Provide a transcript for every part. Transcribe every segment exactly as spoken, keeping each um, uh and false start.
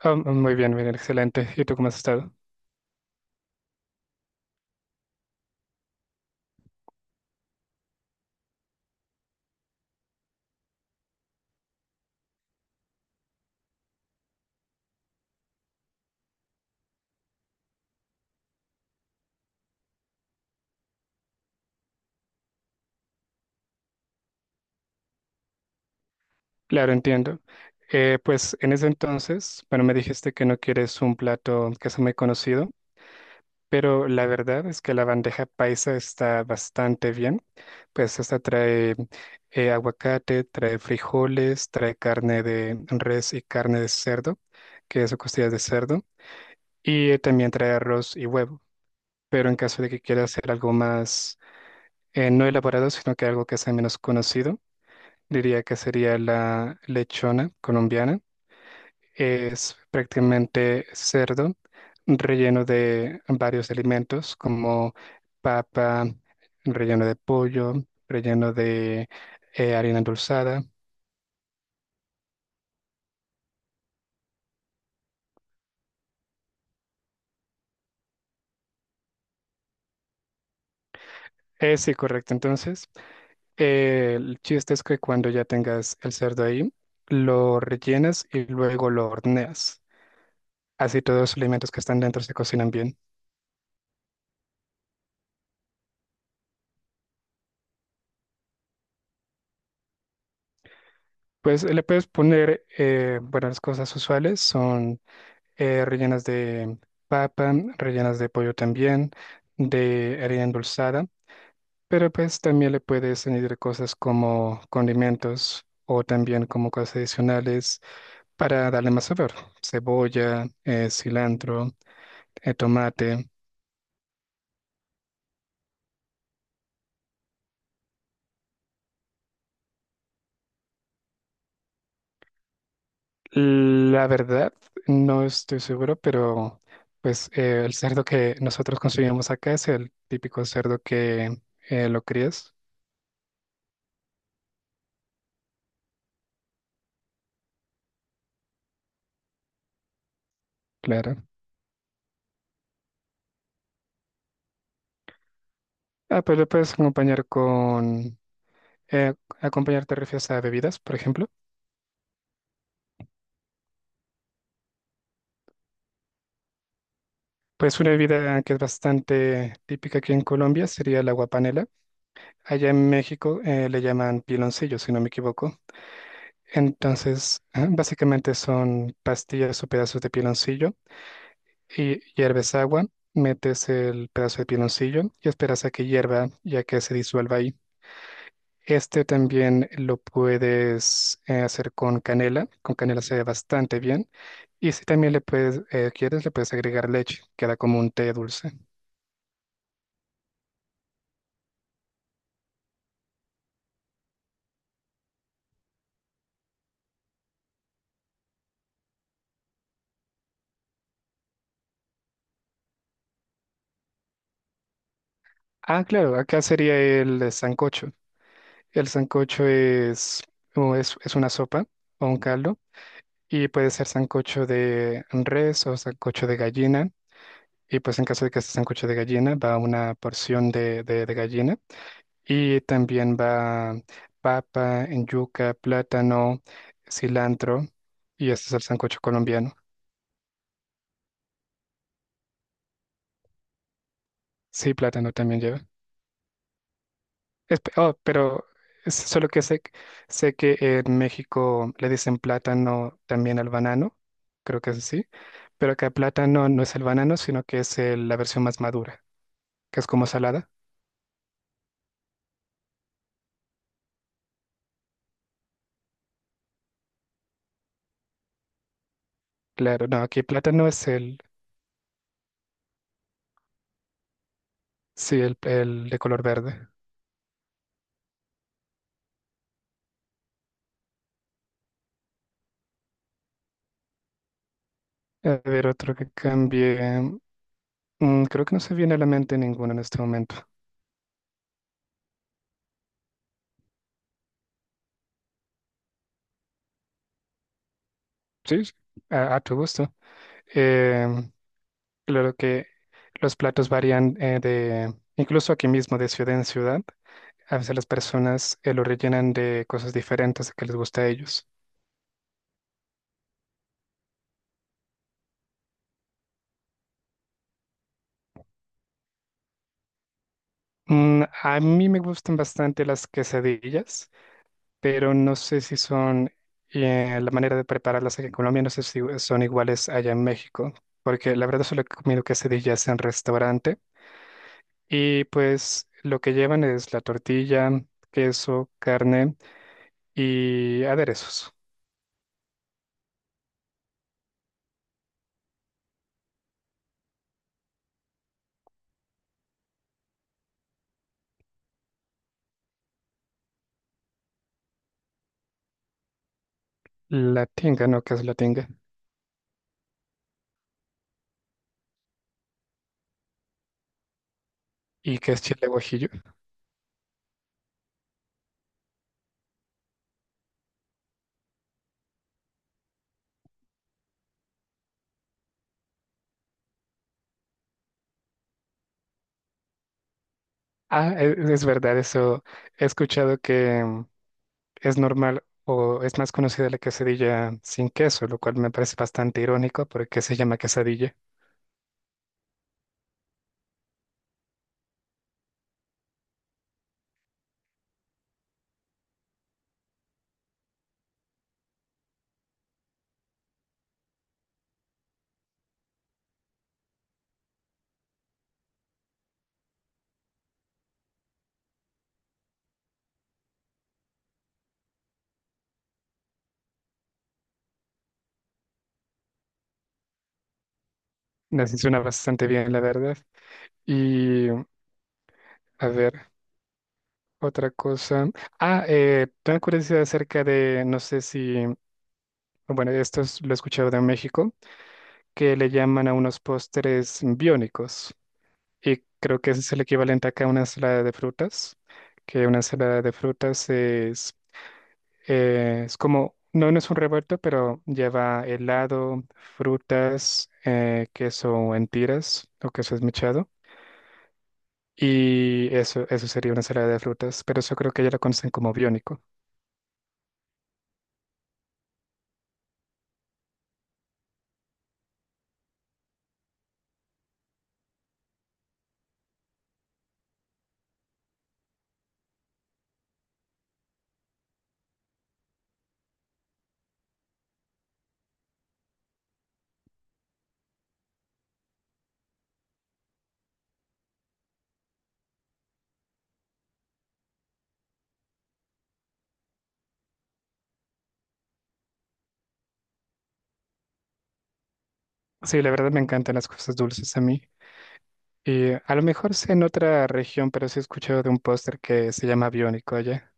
Ah, ah, muy bien, bien, excelente. ¿Y tú cómo has estado? Claro, entiendo. Eh, pues en ese entonces, bueno, me dijiste que no quieres un plato que sea muy conocido. Pero la verdad es que la bandeja paisa está bastante bien. Pues esta trae eh, aguacate, trae frijoles, trae carne de res y carne de cerdo, que es costillas de cerdo, y eh, también trae arroz y huevo. Pero en caso de que quiera hacer algo más, eh, no elaborado, sino que algo que sea menos conocido, diría que sería la lechona colombiana, es prácticamente cerdo relleno de varios alimentos como papa, relleno de pollo, relleno de eh, harina endulzada. Eh, sí, correcto. Entonces, eh, el chiste es que cuando ya tengas el cerdo ahí, lo rellenas y luego lo horneas. Así todos los alimentos que están dentro se cocinan bien. Pues le puedes poner, eh, bueno, las cosas usuales son eh, rellenas de papa, rellenas de pollo también, de harina endulzada, pero pues también le puedes añadir cosas como condimentos o también como cosas adicionales para darle más sabor, cebolla, eh, cilantro, eh, tomate. La verdad, no estoy seguro, pero pues eh, el cerdo que nosotros consumimos acá es el típico cerdo que eh, lo crías, claro. Ah, pues lo puedes acompañar con eh, acompañar te refieres a bebidas, por ejemplo. Pues una bebida que es bastante típica aquí en Colombia sería el agua panela. Allá en México eh, le llaman piloncillo, si no me equivoco. Entonces, ah, básicamente son pastillas o pedazos de piloncillo y hierves agua, metes el pedazo de piloncillo y esperas a que hierva y a que se disuelva ahí. Este también lo puedes eh, hacer con canela. Con canela se ve bastante bien. Y si también le puedes, eh, quieres, le puedes agregar leche, queda como un té dulce. Ah, claro, acá sería el eh, sancocho. El sancocho es, o es, es una sopa o un caldo y puede ser sancocho de res o sancocho de gallina. Y pues en caso de que sea sancocho de gallina, va una porción de, de, de gallina y también va papa, yuca, plátano, cilantro, y este es el sancocho colombiano. Sí, plátano también lleva. Espe- oh, pero es solo que sé, sé que en México le dicen plátano también al banano, creo que es así, pero acá plátano no es el banano, sino que es el- la versión más madura, que es como salada. Claro, no, aquí plátano es el, sí, el, el de color verde. A ver, otro que cambie. Mm, creo que no se viene a la mente ninguno en este momento. Sí, sí, a, a tu gusto. Em, claro que los platos varían eh, de, incluso aquí mismo, de ciudad en ciudad. A veces las personas eh, lo rellenan de cosas diferentes que les gusta a ellos. Mm, a mí me gustan bastante las quesadillas, pero no sé si son eh, la manera de prepararlas aquí en Colombia, no sé si son iguales allá en México, porque la verdad solo he comido quesadillas en restaurante y pues lo que llevan es la tortilla, queso, carne y aderezos. La tinga, ¿no? ¿Qué es la tinga? ¿Y qué es chile guajillo? Ah, e- es, verdad, eso he escuchado que mm, es normal o es más conocida la quesadilla sin queso, lo cual me parece bastante irónico porque se llama quesadilla. Así suena bastante bien, la verdad. Y mm, a ver, otra cosa. Ah, eh, tengo curiosidad acerca de, no sé si bueno, esto es- lo he escuchado de México, que le llaman a unos postres biónicos. Y creo que ese es el equivalente acá a una ensalada de frutas, que una ensalada de frutas es, eh, es como, no, no es un revuelto, pero lleva helado, frutas, eh, queso en tiras o queso esmechado. Y eso, eso sería una ensalada de frutas, pero eso creo que ya lo conocen como biónico. Sí, la verdad me encantan las cosas dulces a mí. Y a lo mejor sea en otra región, pero sí he escuchado de un póster que se llama Biónico allá.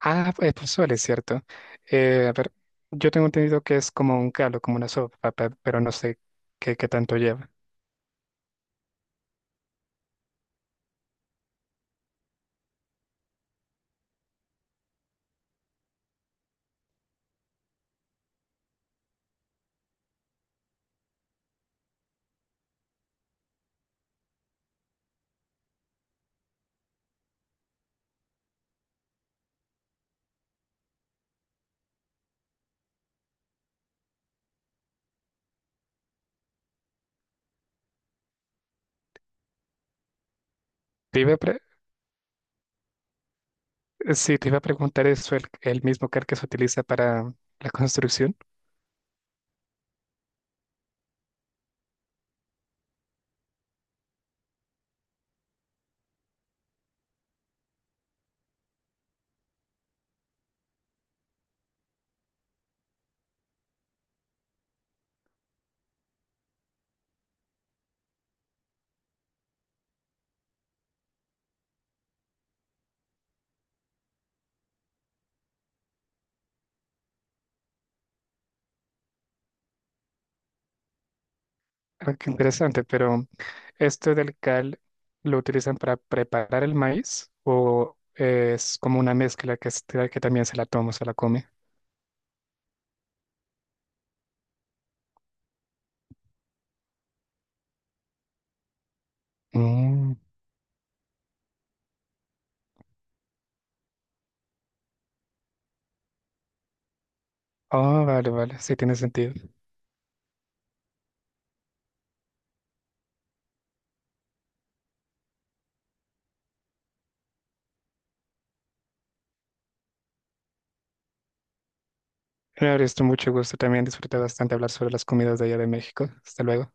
Ah, eh, pues pozole, ¿cierto? Eh, a ver, yo tengo entendido que es como un caldo, como una sopa, pe- pero no sé qué, qué tanto lleva. Te iba a pre- eh, Sí, te iba a preguntar eso, el, el mismo cal que se utiliza para la construcción. Ah, qué interesante, pero ¿esto del cal lo utilizan para preparar el maíz o es como una mezcla que, se- que también se la toma, se la come? Mm. Oh, vale, vale, sí tiene sentido. Claro, esto mucho gusto. También disfruté bastante hablar sobre las comidas de allá de México. Hasta luego.